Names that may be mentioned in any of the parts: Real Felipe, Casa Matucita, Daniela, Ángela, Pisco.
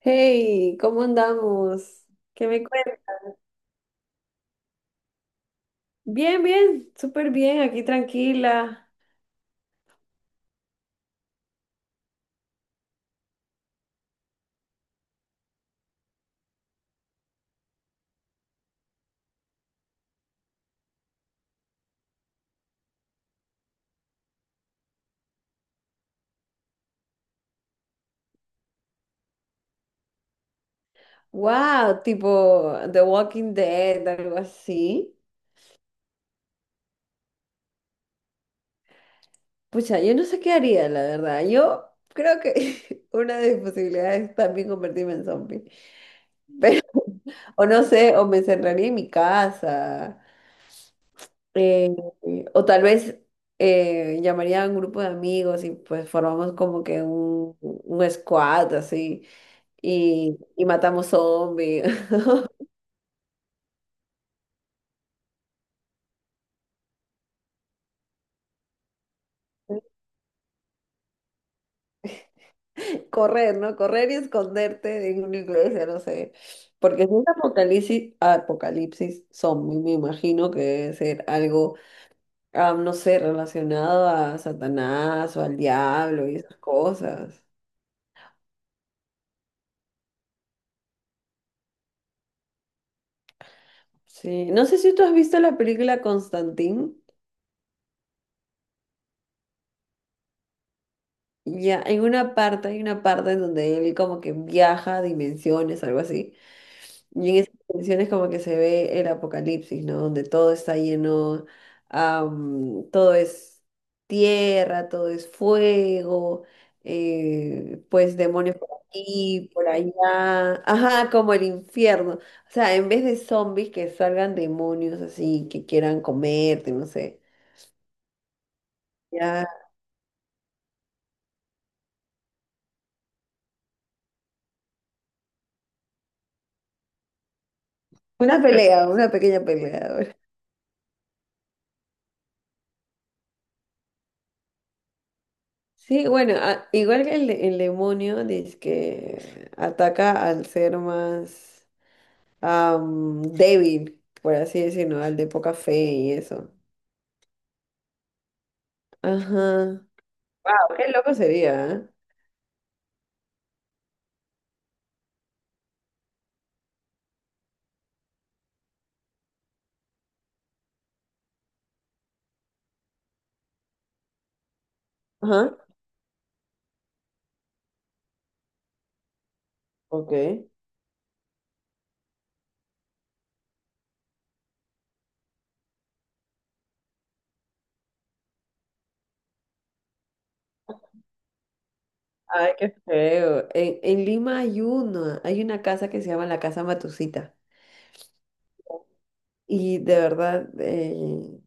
Hey, ¿cómo andamos? ¿Qué me cuentas? Bien, bien, súper bien, aquí tranquila. Wow, tipo The Walking Dead, algo así. Pucha, yo no sé qué haría, la verdad. Yo creo que una de mis posibilidades es también convertirme en zombie. Pero, o no sé, o me encerraría en mi casa. eh, o tal vez llamaría a un grupo de amigos y pues formamos como que un squad así. Y matamos zombies. Correr, ¿no? Correr y esconderte en una iglesia, no sé. Porque si es apocalipsis, apocalipsis zombie, me imagino que debe ser algo, no sé, relacionado a Satanás o al diablo y esas cosas. Sí. No sé si tú has visto la película Constantín. Ya, hay una parte en donde él como que viaja a dimensiones, algo así. Y en esas canciones como que se ve el apocalipsis, ¿no? Donde todo está lleno, todo es tierra, todo es fuego, pues demonios por aquí, por allá, ajá, como el infierno. O sea, en vez de zombies que salgan demonios así, que quieran comerte, no sé. Ya, una pelea, una pequeña pelea. Sí, bueno, a- igual que el, de- el demonio dice que ataca al ser más... débil, por así decirlo, al de poca fe y eso. Ajá. Wow, qué loco sería, ¿eh? Ajá. Ok. Ay, qué feo. En Lima hay una casa que se llama la Casa Matucita. Y de verdad,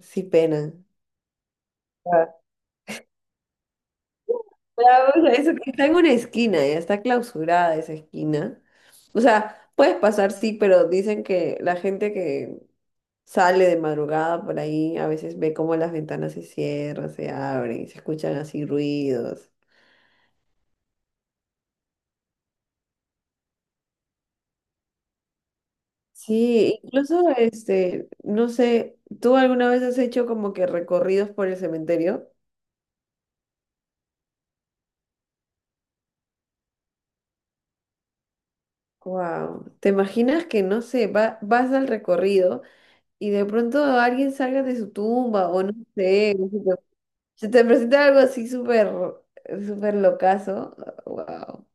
sí penan. Ah. Ya, o sea, eso que está en una esquina, ya está clausurada esa esquina. O sea, puedes pasar, sí, pero dicen que la gente que sale de madrugada por ahí, a veces ve cómo las ventanas se cierran, se abren, se escuchan así ruidos. Sí, incluso este, no sé, ¿tú alguna vez has hecho como que recorridos por el cementerio? Wow. ¿Te imaginas que no sé, va- vas al recorrido y de pronto alguien salga de su tumba o no sé, se te presenta algo así súper, súper locazo? Wow.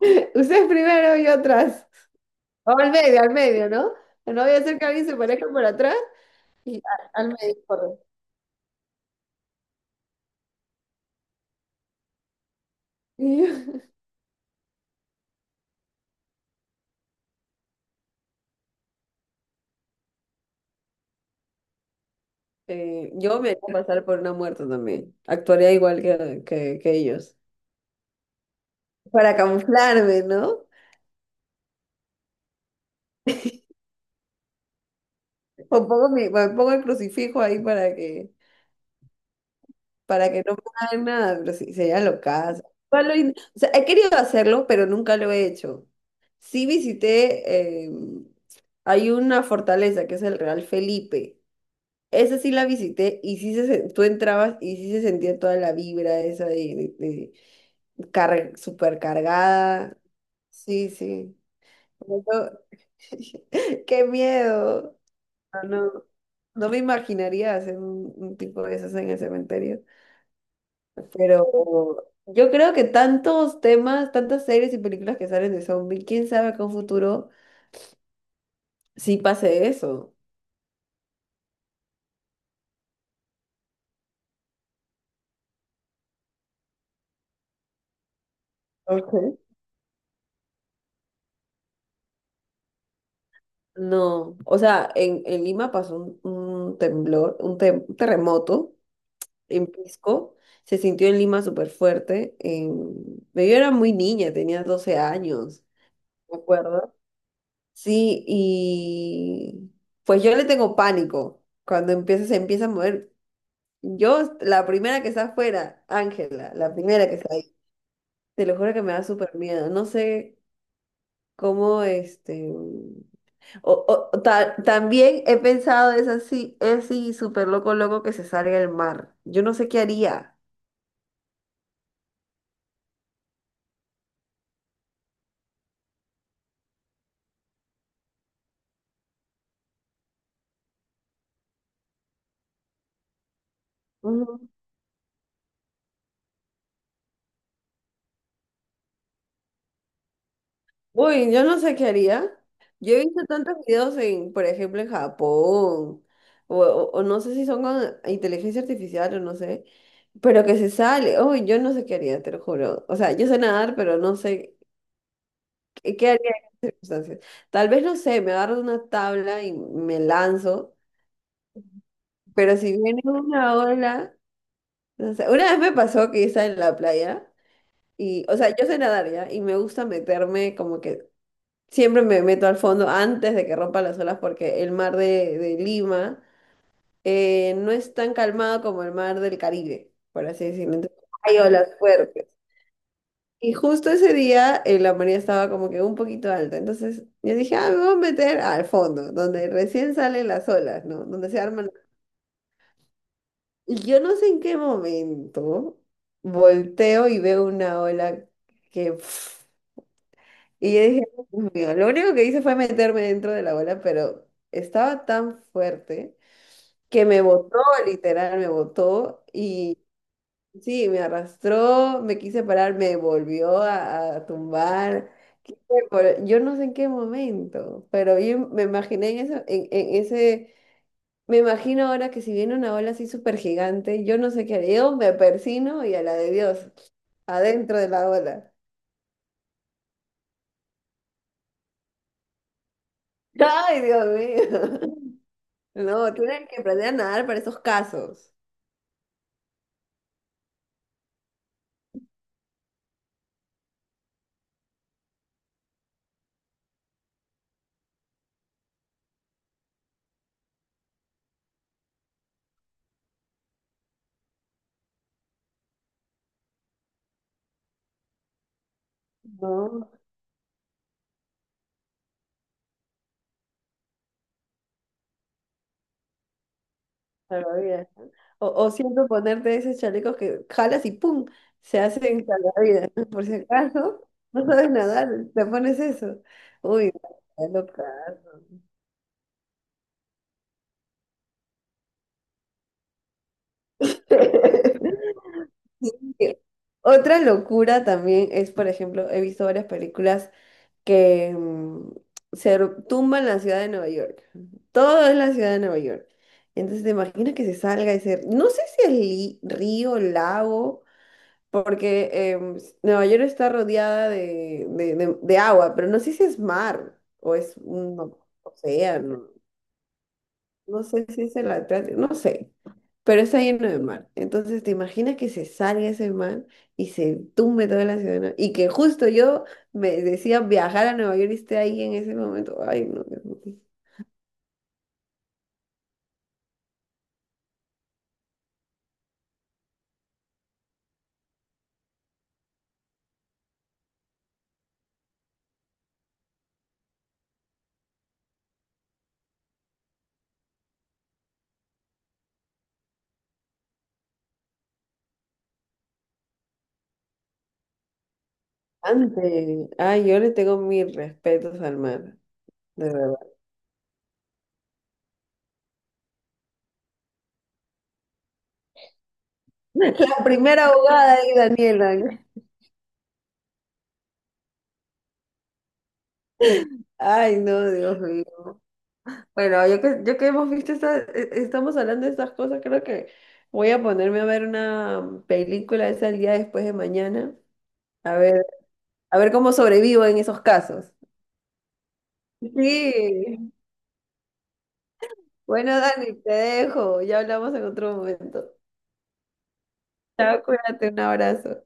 Ustedes primero y otras. O al medio, ¿no? No voy a hacer que alguien se parezca por atrás y a- al medio, corre. Yo me voy a pasar por una muerta también. Actuaría igual que ellos. Para camuflarme, ¿no? O pongo mi, o pongo el crucifijo ahí para que no me hagan nada, pero sí, sería locazo. Igual lo in- O sea, he querido hacerlo, pero nunca lo he hecho. Sí visité, hay una fortaleza que es el Real Felipe. Esa sí la visité y sí se, sen- tú entrabas y sí se sentía toda la vibra esa de car- supercargada. Sí, sí. Por eso- ¡Qué miedo! No, no, no me imaginaría hacer un tipo de esas en el cementerio. Pero yo creo que tantos temas, tantas series y películas que salen de zombie, quién sabe que en un futuro sí pase eso. Ok. No, o sea, en Lima pasó un temblor, un, tem- un terremoto en Pisco, se sintió en Lima súper fuerte. En- Yo era muy niña, tenía 12 años, ¿me acuerdo? Sí, y pues yo le tengo pánico cuando empieza, se empieza a mover. Yo, la primera que está afuera, Ángela, la primera que está ahí, te lo juro que me da súper miedo. No sé cómo este. O, o- ta- también he pensado es así súper loco, loco que se salga del mar. Yo no sé qué haría. Ujú. Uy, yo no sé qué haría. Yo he visto tantos videos en, por ejemplo, en Japón, o no sé si son con inteligencia artificial o no sé, pero que se sale. Uy, yo no sé qué haría, te lo juro. O sea, yo sé nadar, pero no sé qué, qué haría en circunstancias. Tal vez, no sé, me agarro de una tabla y me lanzo, pero si viene una ola... No sé, una vez me pasó que estaba en la playa y, o sea, yo sé nadar ya y me gusta meterme como que siempre me meto al fondo antes de que rompan las olas porque el mar de Lima no es tan calmado como el mar del Caribe, por así decirlo. Entonces, hay olas fuertes. Y justo ese día la marea estaba como que un poquito alta. Entonces yo dije, ah, me voy a meter al fondo, donde recién salen las olas, ¿no? Donde se arman. Y yo no sé en qué momento volteo y veo una ola que... pf, y yo dije, "Oh, Dios mío", lo único que hice fue meterme dentro de la ola, pero estaba tan fuerte que me botó, literal, me botó y sí, me arrastró, me quise parar, me volvió a tumbar. Quise vol- Yo no sé en qué momento, pero yo me imaginé en, eso, en ese me imagino ahora que si viene una ola así súper gigante, yo no sé qué haré. Yo me persino y a la de Dios, adentro de la ola. ¡Ay, Dios mío! No, tienen que aprender a nadar para esos casos. No, salvavidas. O siempre ponerte esos chalecos que jalas y ¡pum! Se hacen salvavidas. Por si acaso no sabes nadar, te pones eso. Uy, no, loca. Otra locura también es, por ejemplo, he visto varias películas que se r- tumba en la ciudad de Nueva York. Todo es la ciudad de Nueva York. Entonces te imaginas que se salga ese, no sé si es li- río, lago, porque em, s- Nueva York está rodeada de agua, pero no sé si es mar o es un océano, no sé si es el Atlántico, no sé, pero está lleno de mar. Entonces, ¿te imaginas que se salga ese mar y se tumbe toda la ciudad? ¿no? Y que justo yo me decía viajar a Nueva York y esté ahí en ese momento. Ay, no, Dios mío. Antes, ay, yo le tengo mis respetos al mar, de verdad. La primera abogada ahí, Daniela. Ay, no, Dios mío. Bueno, yo que hemos visto esta, e- estamos hablando de estas cosas, creo que voy a ponerme a ver una película esa el día después de mañana. A ver. A ver cómo sobrevivo en esos casos. Sí. Bueno, Dani, te dejo. Ya hablamos en otro momento. Chao, cuídate, un abrazo.